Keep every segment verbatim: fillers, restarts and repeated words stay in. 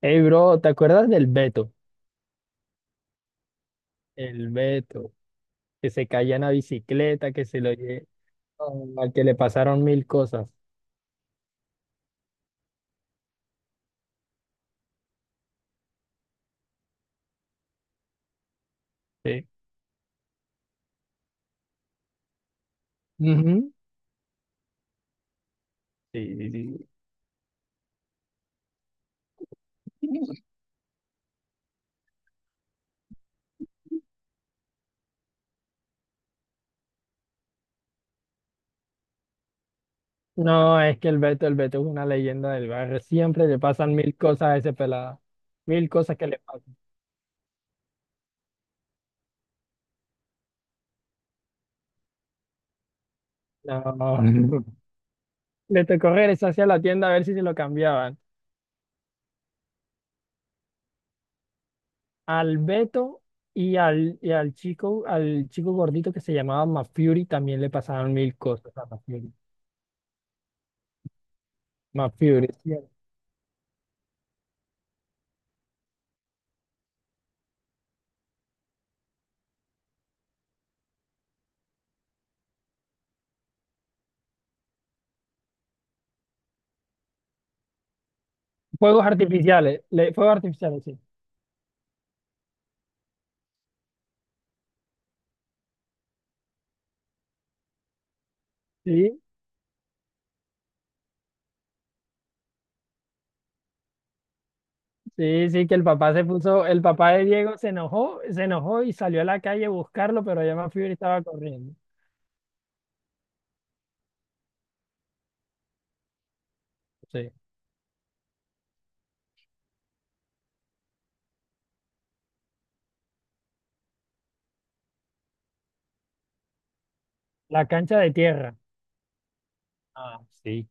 Hey, bro, ¿te acuerdas del Beto? El Beto, que se caía en la bicicleta, que se lo lle- oh, al que le pasaron mil cosas. Sí. Ujú. Sí, sí, sí. No, es que el Beto, el Beto es una leyenda del barrio. Siempre le pasan mil cosas a ese pelado. Mil cosas que le pasan. No. Le tocó regresar hacia la tienda a ver si se lo cambiaban. Al Beto y al, y al chico, al chico gordito que se llamaba Mafury también le pasaron mil cosas a Mafury. Mafury. Fuegos artificiales, le- fuegos artificiales, sí. Sí, sí, sí, que el papá se puso, el papá de Diego se enojó, se enojó y salió a la calle a buscarlo, pero ya Mapfre estaba corriendo. Sí. La cancha de tierra. Ah, sí.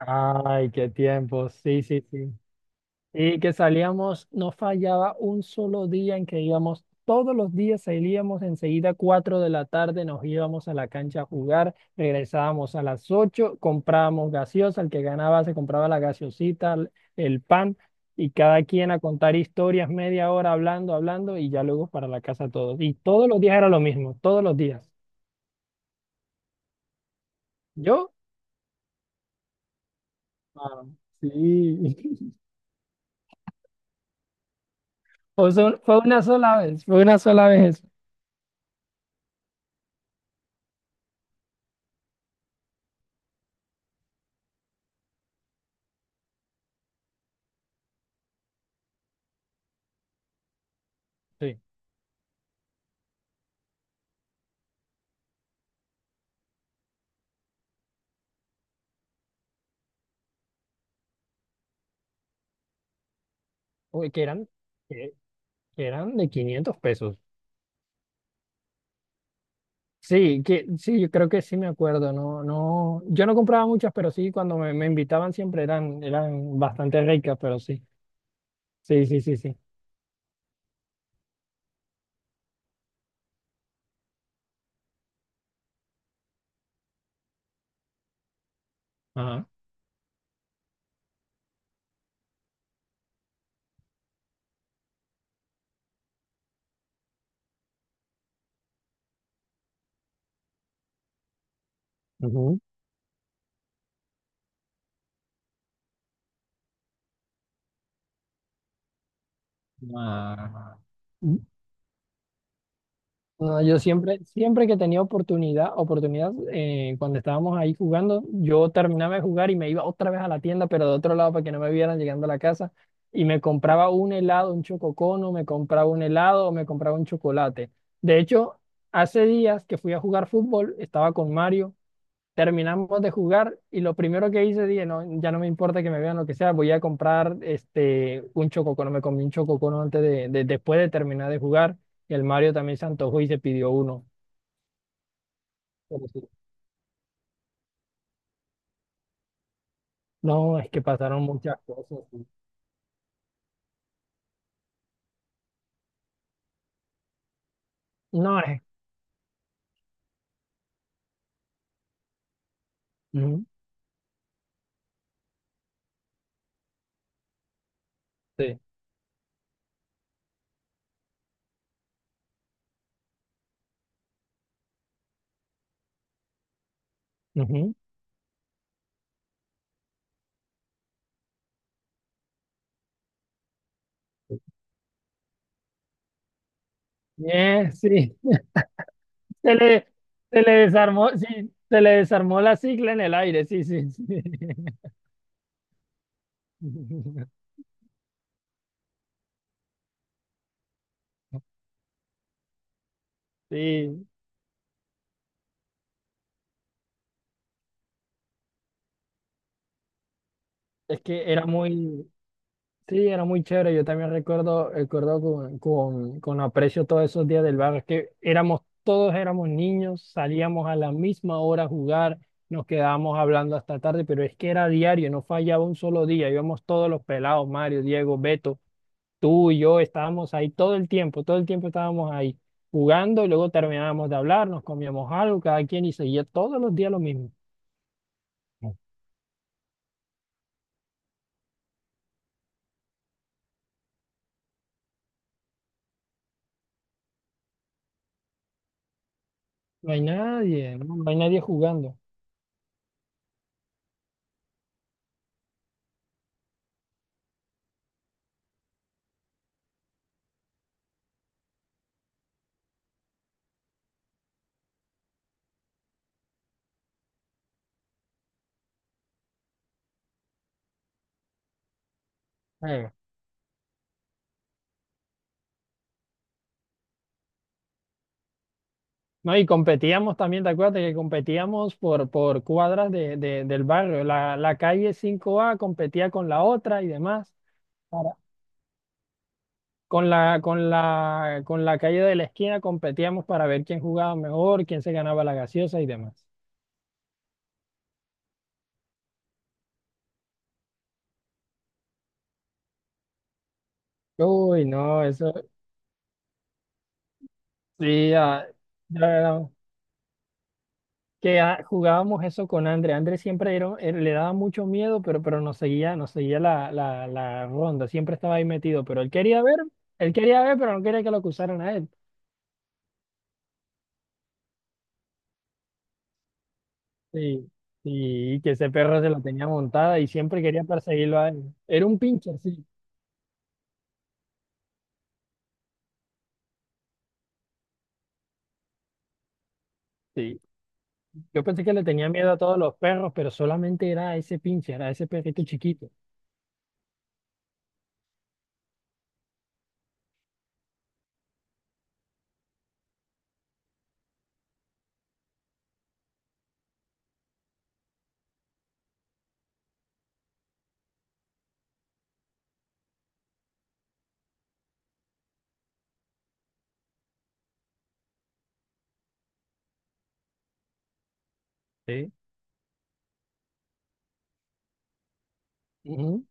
Ay, qué tiempo, sí, sí, sí. Y que salíamos, no fallaba un solo día en que íbamos, todos los días salíamos enseguida, cuatro de la tarde, nos íbamos a la cancha a jugar, regresábamos a las ocho, comprábamos gaseosa, el que ganaba se compraba la gaseosita, el el pan, y cada quien a contar historias, media hora hablando, hablando, y ya luego para la casa todos. Y todos los días era lo mismo, todos los días. Yo, ah, sí. O sea, fue una sola vez, fue una sola vez eso. Sí. Uy, que eran. que eran de quinientos pesos. Sí, que, sí, yo creo que sí me acuerdo, no, no, yo no compraba muchas, pero sí, cuando me, me invitaban siempre eran, eran bastante ricas, pero sí, sí, sí, sí, sí. Ajá. Ujú. Ah, no, yo siempre, siempre que tenía oportunidad, oportunidad, eh, cuando estábamos ahí jugando, yo terminaba de jugar y me iba otra vez a la tienda, pero de otro lado para que no me vieran llegando a la casa, y me compraba un helado, un chococono, me compraba un helado o me compraba un chocolate. De hecho, hace días que fui a jugar fútbol, estaba con Mario. Terminamos de jugar y lo primero que hice, dije, no, ya no me importa que me vean lo que sea, voy a comprar este, un chococono. Me comí un chococono antes de, de- después de terminar de jugar. Y el Mario también se antojó y se pidió uno. Pero sí, no, es que pasaron muchas cosas. Sí. No, es. Ujú. Sí. Ujú. Eh, sí. Se le, se le desarmó, sí, se le desarmó la cicla en el aire, sí, sí, sí. Sí, es que era muy, sí, era muy chévere. Yo también recuerdo, recuerdo con, con, con aprecio todos esos días del barrio. Es que éramos, todos éramos niños, salíamos a la misma hora a jugar, nos quedábamos hablando hasta tarde, pero es que era diario, no fallaba un solo día. Íbamos todos los pelados, Mario, Diego, Beto, tú y yo, estábamos ahí todo el tiempo, todo el tiempo estábamos ahí jugando y luego terminábamos de hablar, nos comíamos algo, cada quien y seguía todos los días lo mismo. No hay nadie, no, no hay nadie jugando. No, y competíamos también, ¿te acuerdas que competíamos por, por cuadras de, de- del barrio? La, la calle cinco a competía con la otra y demás. Para- Con la, con la, con la calle de la esquina competíamos para ver quién jugaba mejor, quién se ganaba la gaseosa y demás. Uy, no, eso sí, ah, la verdad, que ah, jugábamos eso con André. André siempre era- era- le daba mucho miedo, pero, pero nos seguía, nos seguía la, la, la ronda, siempre estaba ahí metido, pero él quería ver, él quería ver, pero no quería que lo acusaran a él. Sí, sí, y que ese perro se la tenía montada y siempre quería perseguirlo a él. Era un pincher, sí. Sí. Yo pensé que le tenía miedo a todos los perros, pero solamente era a ese pincher, a ese perrito chiquito. Sí. Ujú.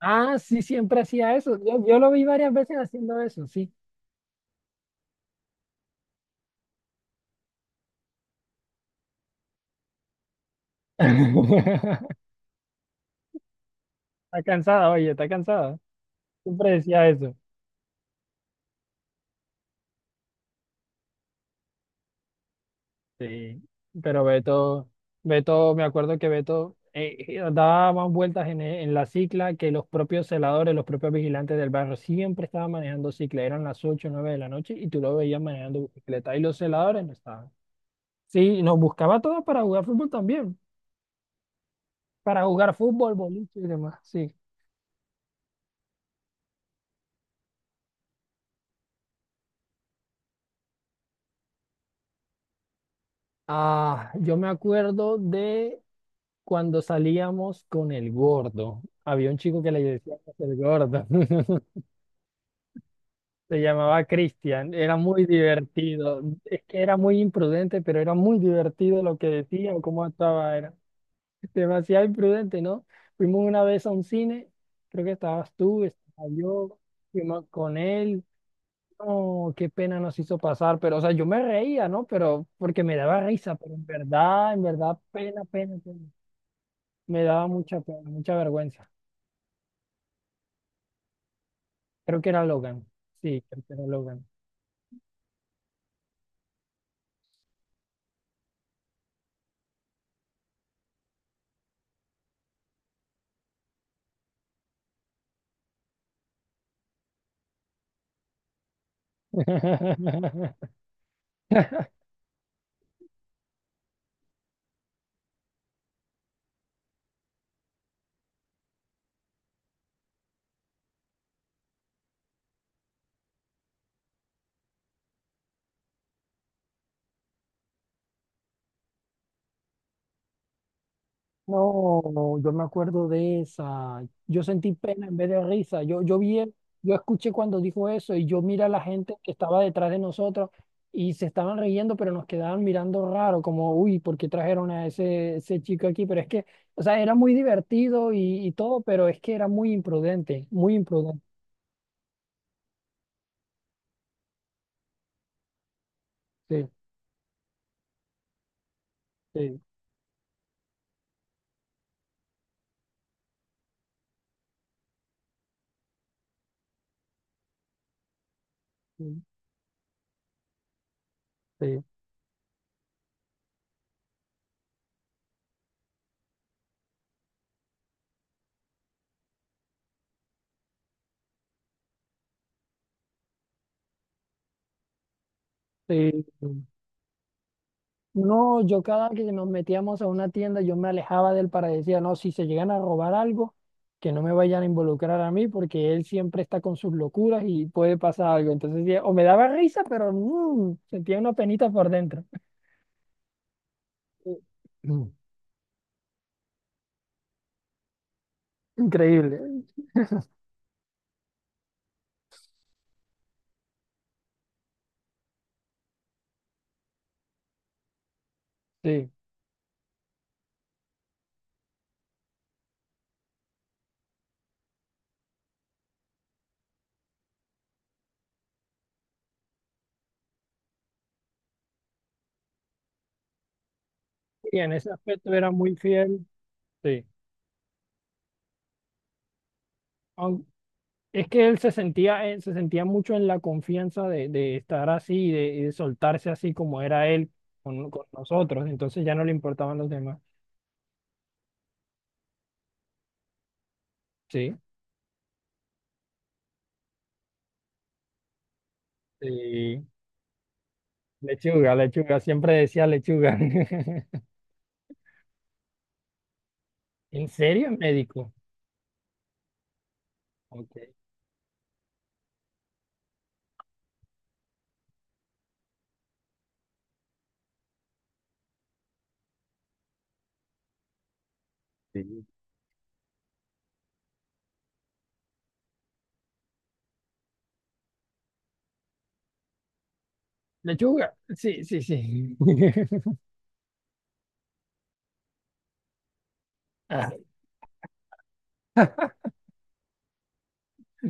Ah, sí, siempre hacía eso. Yo, yo lo vi varias veces haciendo eso, sí. Está cansada, oye, está cansada. Siempre decía eso. Sí, pero Beto, Beto, me acuerdo que Beto eh, eh, daba más vueltas en, e- en la cicla que los propios celadores, los propios vigilantes del barrio. Siempre estaba manejando cicla, eran las ocho o nueve de la noche y tú lo veías manejando bicicleta y los celadores no estaban. Sí, nos buscaba a todos para jugar fútbol también, para jugar fútbol, boliche y demás, sí. Ah, yo me acuerdo de cuando salíamos con el gordo. Había un chico que le decíamos el gordo. Se llamaba Cristian, era muy divertido. Es que era muy imprudente, pero era muy divertido lo que decía o cómo actuaba. Era demasiado imprudente, ¿no? Fuimos una vez a un cine, creo que estabas tú, estaba yo, fuimos con él. No, qué pena nos hizo pasar, pero, o sea, yo me reía, ¿no? Pero porque me daba risa, pero en verdad, en verdad, pena, pena, pena. Me daba mucha pena, mucha vergüenza. Creo que era Logan. Sí, creo que era Logan. No, no, yo me acuerdo de esa. Yo sentí pena en vez de risa. Yo, yo vi, el- yo escuché cuando dijo eso y yo mira a la gente que estaba detrás de nosotros y se estaban riendo, pero nos quedaban mirando raro, como, uy, ¿por qué trajeron a ese, ese chico aquí? Pero es que, o sea, era muy divertido y, y todo, pero es que era muy imprudente, muy imprudente. Sí, sí, sí, sí. Sí. No, yo cada que nos metíamos a una tienda, yo me alejaba de él para decir, no, si se llegan a robar algo, que no me vayan a involucrar a mí, porque él siempre está con sus locuras y puede pasar algo. Entonces, sí, o me daba risa, pero mm, sentía una penita por dentro. Sí. Mm. Increíble, sí. Y en ese aspecto era muy fiel, sí. Aun- Es que él se sentía, eh, se sentía mucho en la confianza de, de estar así, y de, y de soltarse así como era él con, con nosotros, entonces ya no le importaban los demás. Sí. Sí, lechuga, lechuga, siempre decía lechuga. ¿En serio, médico? Ok. Sí. Lechuga, sí, sí, sí. Ah,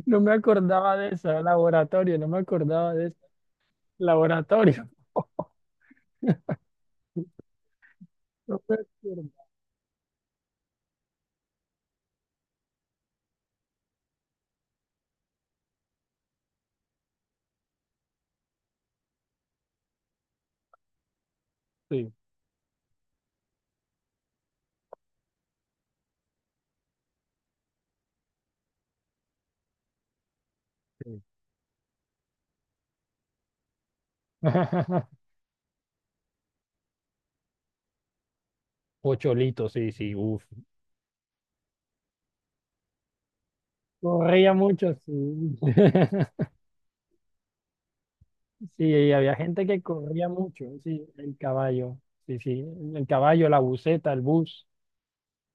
no me acordaba de eso, laboratorio, no me acordaba de eso, laboratorio. No me acuerdo. Sí, sí. Pocholito, sí, sí, uff. Corría mucho, sí. Sí, había gente que corría mucho, sí, el caballo, sí, sí, el caballo, la buseta, el bus,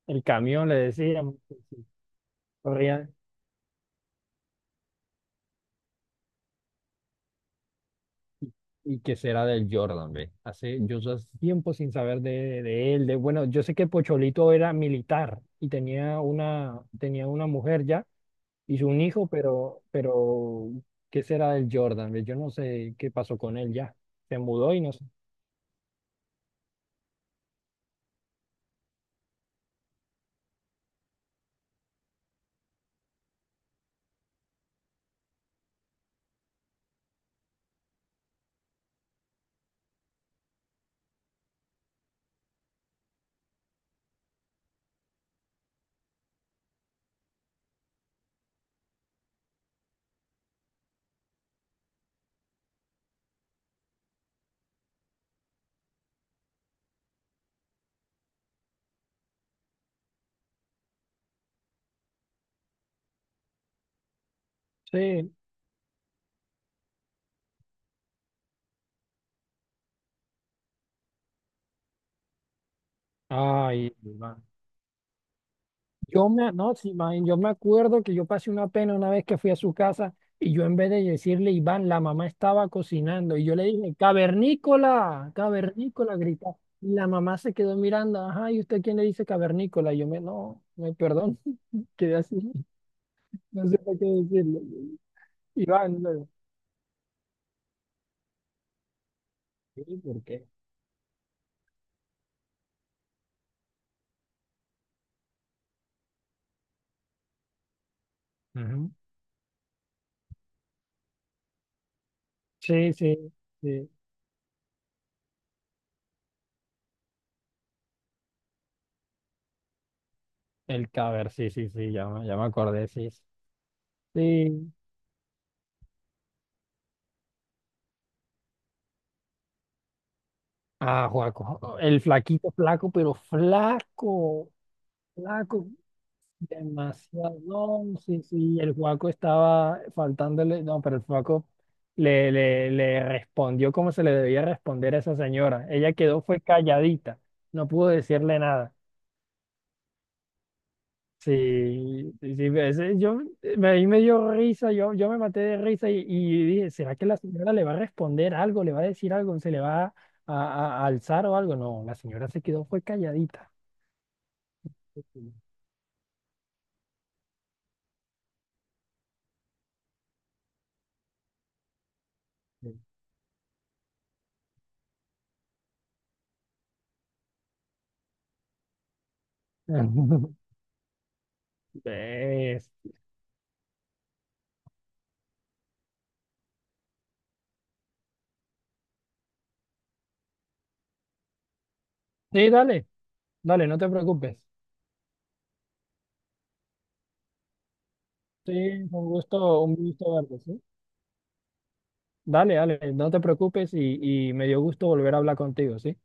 el camión, le decían, sí, sí, corría. ¿Y qué será del Jordan, ve? Hace, yo hace tiempo sin saber de, de él. De, bueno, yo sé que Pocholito era militar y tenía una, tenía una, mujer ya y un hijo, pero, pero ¿qué será del Jordan, ve? Yo no sé qué pasó con él ya. Se mudó y no sé. Sí. Ay, Yo me, no, sí, man, yo me acuerdo que yo pasé una pena una vez que fui a su casa y yo en vez de decirle Iván, la mamá estaba cocinando y yo le dije, cavernícola, cavernícola, grita. Y la mamá se quedó mirando, ajá, ¿y usted quién le dice cavernícola? Y yo me, no, me perdón, quedé así, no sé qué decirle. Iván, no, sí, ¿por qué? Ujú. Sí, sí, sí. El caber, sí, sí, sí, ya, me- ya me acordé, sí. Sí. Ah, Juaco, el flaquito, flaco, pero flaco. Flaco, demasiado. No, sí, sí, el Juaco estaba faltándole. No, pero el Juaco le, le, le respondió como se le debía responder a esa señora. Ella quedó, fue calladita. No pudo decirle nada. Sí, sí, sí, ese- yo, me- ahí me dio risa, yo, yo me maté de risa y, y dije, ¿será que la señora le va a responder algo, le va a decir algo, se le va a, a- a alzar o algo? No, la señora se quedó, fue calladita. Sí. Sí. ¿Ves? Sí, dale. Dale, no te preocupes. Sí, un gusto, un gusto verte, ¿sí? Dale, dale, no te preocupes y, y me dio gusto volver a hablar contigo, ¿sí?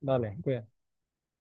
Dale, cuídate.